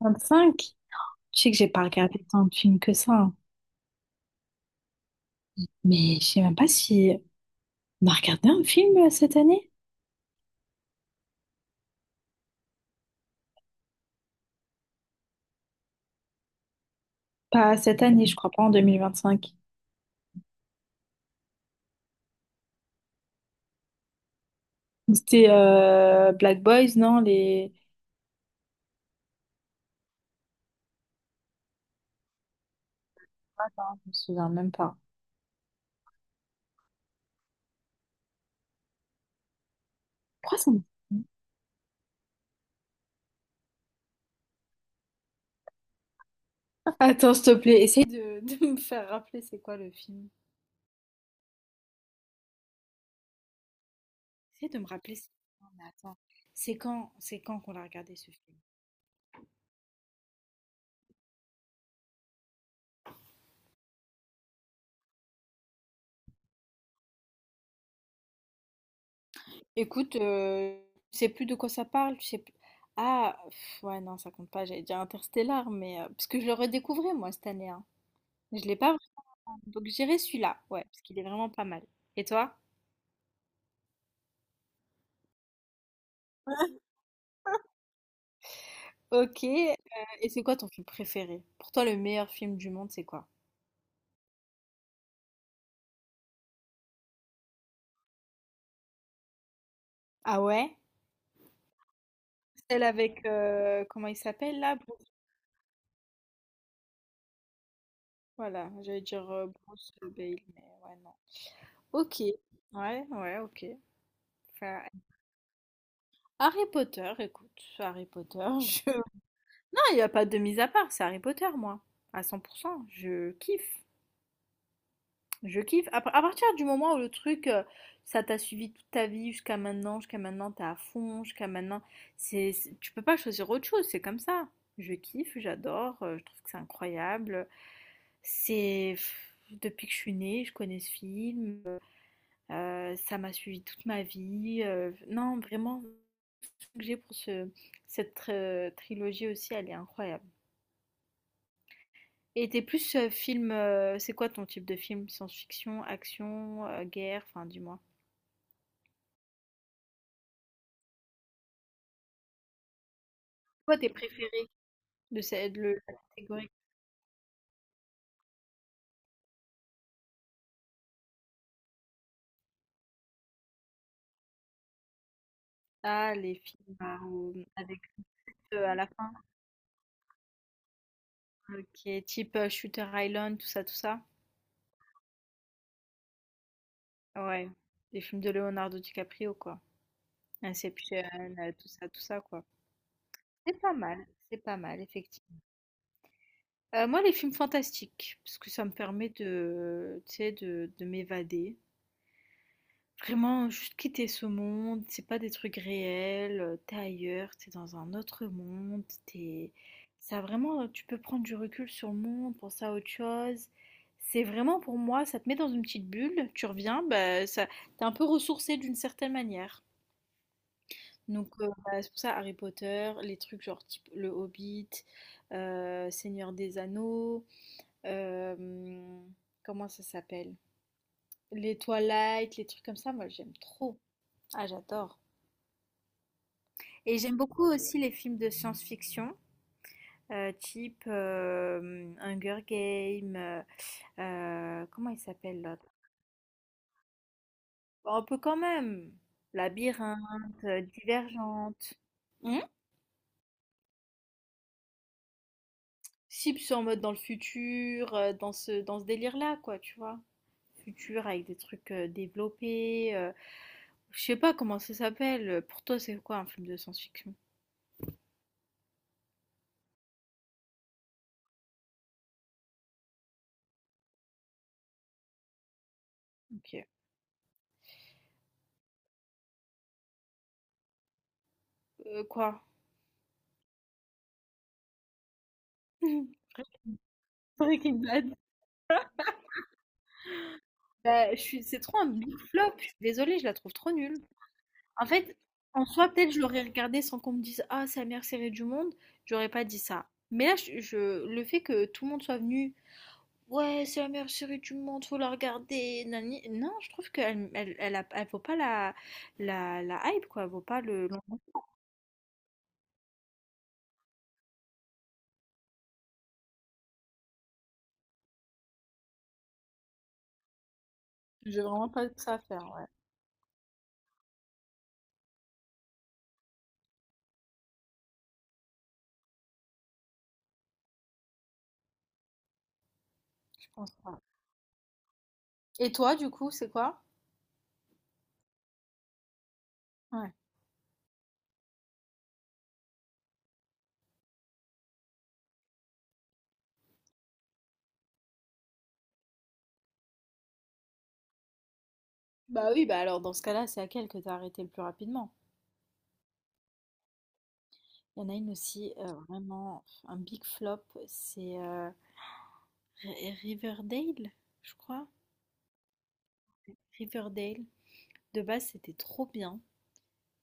25? Tu sais que j'ai pas regardé tant de films que ça, hein. Mais je sais même pas si on a regardé un film cette année. Pas cette année, je crois pas en 2025. C'était Black Boys, non? Les... Attends, je me souviens même pas. Pourquoi ça me- Attends, s'il te plaît, essaye de, de me faire rappeler c'est quoi le film. Essaye de me rappeler c'est... Non, mais attends, c'est quand qu'on l'a regardé ce film? Écoute, tu sais plus de quoi ça parle, tu sais plus. Ah, pff, ouais, non, ça compte pas, j'allais dire Interstellar, mais parce que je le redécouvrais, moi, cette année, hein. Je l'ai pas vraiment. Donc j'irai celui-là, ouais, parce qu'il est vraiment pas mal. Et toi? Ok, et c'est quoi ton film préféré? Pour toi, le meilleur film du monde, c'est quoi? Ah ouais? Celle avec... comment il s'appelle là? Bruce- Voilà, j'allais dire Bruce Bale, mais ouais, non. Ok, ouais, ouais, ok. Enfin, Harry Potter, écoute, Harry Potter, je... il n'y a pas de mise à part, c'est Harry Potter, moi. À 100%, je kiffe. Je kiffe. À partir du moment où le truc, ça t'a suivi toute ta vie jusqu'à maintenant, t'es à fond, jusqu'à maintenant, tu peux pas choisir autre chose, c'est comme ça. Je kiffe, j'adore, je trouve que c'est incroyable. C'est... pff, depuis que je suis née, je connais ce film, ça m'a suivi toute ma vie. Non, vraiment, ce que j'ai pour ce, cette trilogie aussi, elle est incroyable. Et t'es plus film, c'est quoi ton type de film? Science-fiction, action, guerre, enfin dis-moi. Quoi tes préférés de cette de la catégorie? Ah, les films bah, où- avec eux à la fin, qui est type Shooter Island, tout ça, tout ça. Ouais, les films de Leonardo DiCaprio, quoi. Inception, tout ça, quoi. C'est pas mal, c'est pas mal, effectivement. Moi, les films fantastiques, parce que ça me permet de, tu sais, de m'évader. Vraiment, juste quitter ce monde, c'est pas des trucs réels, t'es ailleurs, t'es dans un autre monde, t'es... Ça vraiment, tu peux prendre du recul sur le monde, penser à autre chose. C'est vraiment pour moi, ça te met dans une petite bulle, tu reviens, bah, ça, t'es un peu ressourcé d'une certaine manière. Donc bah, c'est pour ça Harry Potter, les trucs genre type Le Hobbit, Seigneur des Anneaux, euh, comment ça s'appelle? Les Twilight, les trucs comme ça, moi j'aime trop. Ah, j'adore. Et j'aime beaucoup aussi les films de science-fiction, type Hunger Games, comment il s'appelle l'autre? Bon, un peu quand même. Labyrinthe, Divergente. Hmm. Si, puis c'est en mode dans le futur, dans ce délire-là, quoi, tu vois. Futur avec des trucs développés. Je sais pas comment ça s'appelle. Pour toi, c'est quoi un film de science-fiction? Ok. Quoi? Breaking Bad. Bah, je suis, c'est trop un big flop. Je suis désolée, je la trouve trop nulle. En fait, en soi, peut-être je l'aurais regardé sans qu'on me dise: Ah, c'est la meilleure série du monde, j'aurais pas dit ça. Mais là, le fait que tout le monde soit venu: Ouais, c'est la meilleure série du monde, faut la regarder. Nani- Non, je trouve qu'elle vaut pas la, la hype, quoi. Elle vaut pas le. L'engouement. J'ai vraiment pas que ça à faire, ouais. Je pense pas. Et toi, du coup, c'est quoi? Ouais. Bah oui, bah alors dans ce cas-là, c'est laquelle que t'as arrêté le plus rapidement? Il y en a une aussi, vraiment, un big flop, c'est Riverdale, je crois. Riverdale, de base, c'était trop bien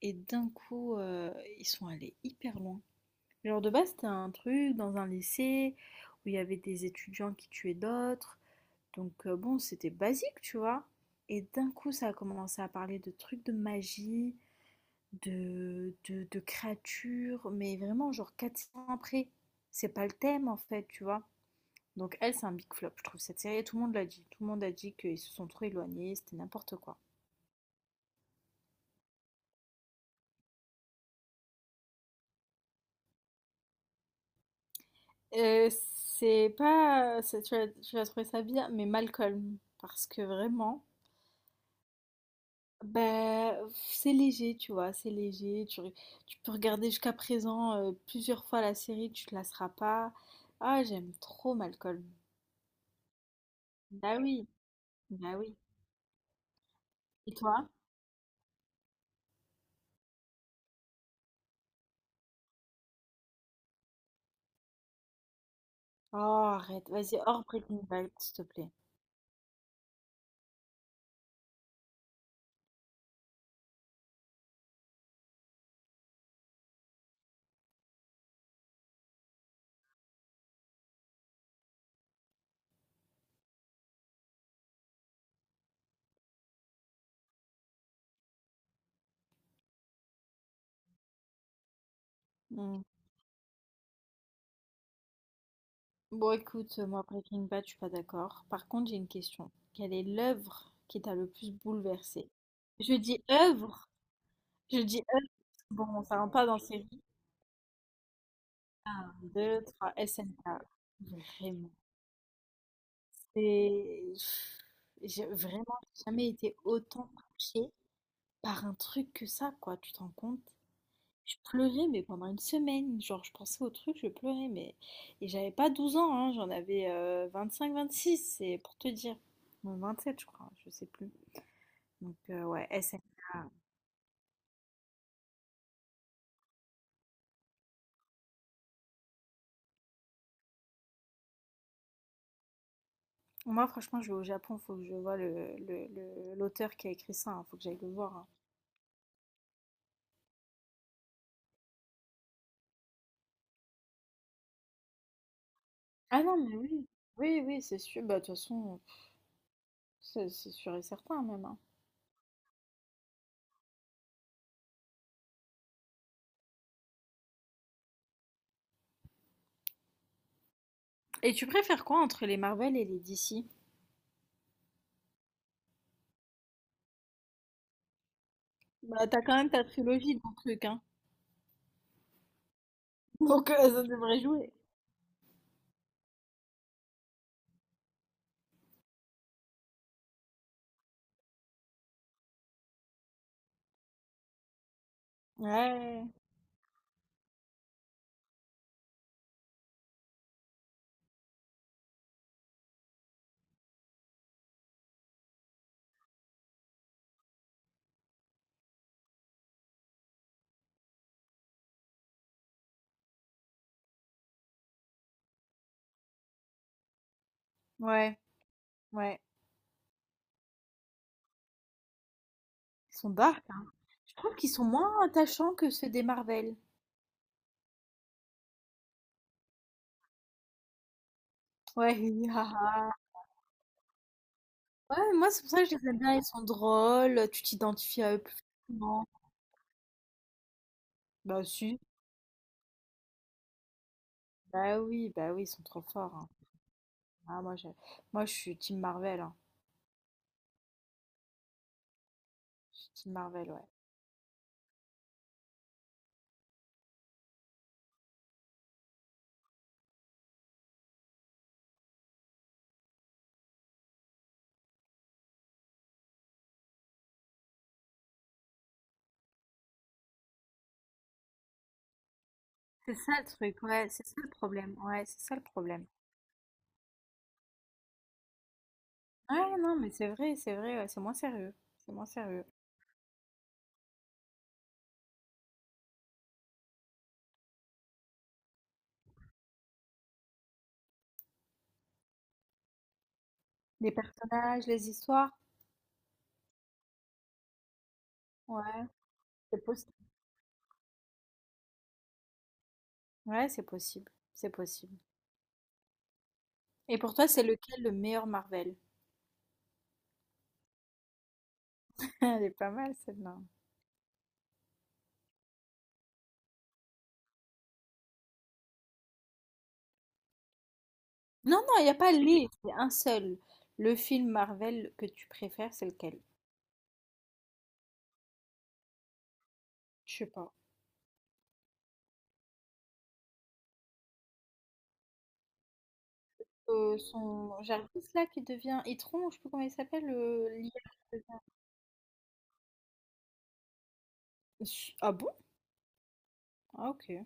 et d'un coup, ils sont allés hyper loin. Genre de base, c'était un truc dans un lycée où il y avait des étudiants qui tuaient d'autres. Donc bon, c'était basique, tu vois? Et d'un coup, ça a commencé à parler de trucs de magie, de créatures, mais vraiment genre 400 ans après. C'est pas le thème en fait, tu vois? Donc elle, c'est un big flop, je trouve cette série tout le monde l'a dit. Tout le monde a dit qu'ils se sont trop éloignés, c'était n'importe quoi. C'est pas... Tu vas trouver ça bien, mais Malcolm. Parce que vraiment, bah, c'est léger, tu vois, c'est léger. Tu peux regarder jusqu'à présent plusieurs fois la série, tu te lasseras pas. Ah, j'aime trop Malcolm. Bah oui, bah oui. Et toi? Oh, arrête, vas-y, hors Breaking Bad, s'il te plaît. Mm. Bon, écoute, moi, Breaking Bad, je suis pas d'accord. Par contre, j'ai une question. Quelle est l'œuvre qui t'a le plus bouleversé? Je dis œuvre. Je dis «eux», bon, ça rentre pas dans série. Un, deux, trois, SNK. Vraiment, c'est j'ai vraiment jamais été autant touchée par un truc que ça, quoi, tu te rends compte? Je pleurais, mais pendant une semaine. Genre, je pensais au truc, je pleurais, mais... Et j'avais pas 12 ans, hein, j'en avais 26, c'est pour te dire. Non, sept, je crois, je sais plus. Donc, ouais, SNK. Moi, franchement, je vais au Japon, faut que je vois l'auteur qui a écrit ça, hein, faut que j'aille le voir, hein. Ah non, mais oui, oui, oui, c'est sûr. Bah, de toute façon, c'est sûr et certain même, hein. Et tu préfères quoi entre les Marvel et les DC? Bah, t'as quand même ta trilogie de trucs, hein. Donc, ça devrait jouer. Ouais, ouais, ouais. Ils sont dark, hein. Je trouve qu'ils sont moins attachants que ceux des Marvel. Ouais, hi, ha, ha. Ouais, moi, c'est pour ça que je les aime bien. Ils sont drôles, tu t'identifies à eux plus facilement. Bah, si. Bah oui, ils sont trop forts, hein. Ah, moi, je suis Team Marvel, hein. Je suis Team Marvel, ouais. C'est ça le truc, ouais, c'est ça le problème, ouais, c'est ça le problème. Ouais, non, mais c'est vrai, ouais, c'est moins sérieux, c'est moins sérieux. Les personnages, les histoires, ouais, c'est possible. Ouais, c'est possible, c'est possible. Et pour toi, c'est lequel le meilleur Marvel? Elle est pas mal celle-là. Non, non, il n'y a pas les, c'est un seul. Le film Marvel que tu préfères, c'est lequel? Je sais pas. Son Jarvis là qui devient Itron, je sais pas comment il s'appelle, le l'IA. Ah bon? Ah ok.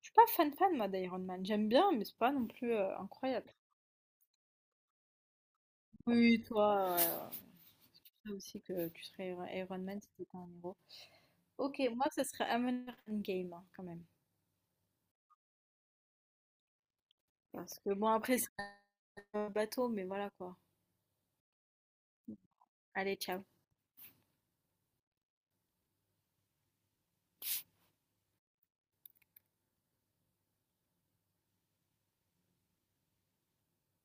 Je suis pas fan fan moi d'Iron Man. J'aime bien, mais c'est pas non plus incroyable. Oui, toi, je sais aussi que tu serais Iron Man si t'étais un héros. Ok, moi ce serait Avengers Endgame, hein, quand même. Parce que bon après c'est un bateau, mais voilà quoi. Allez, ciao.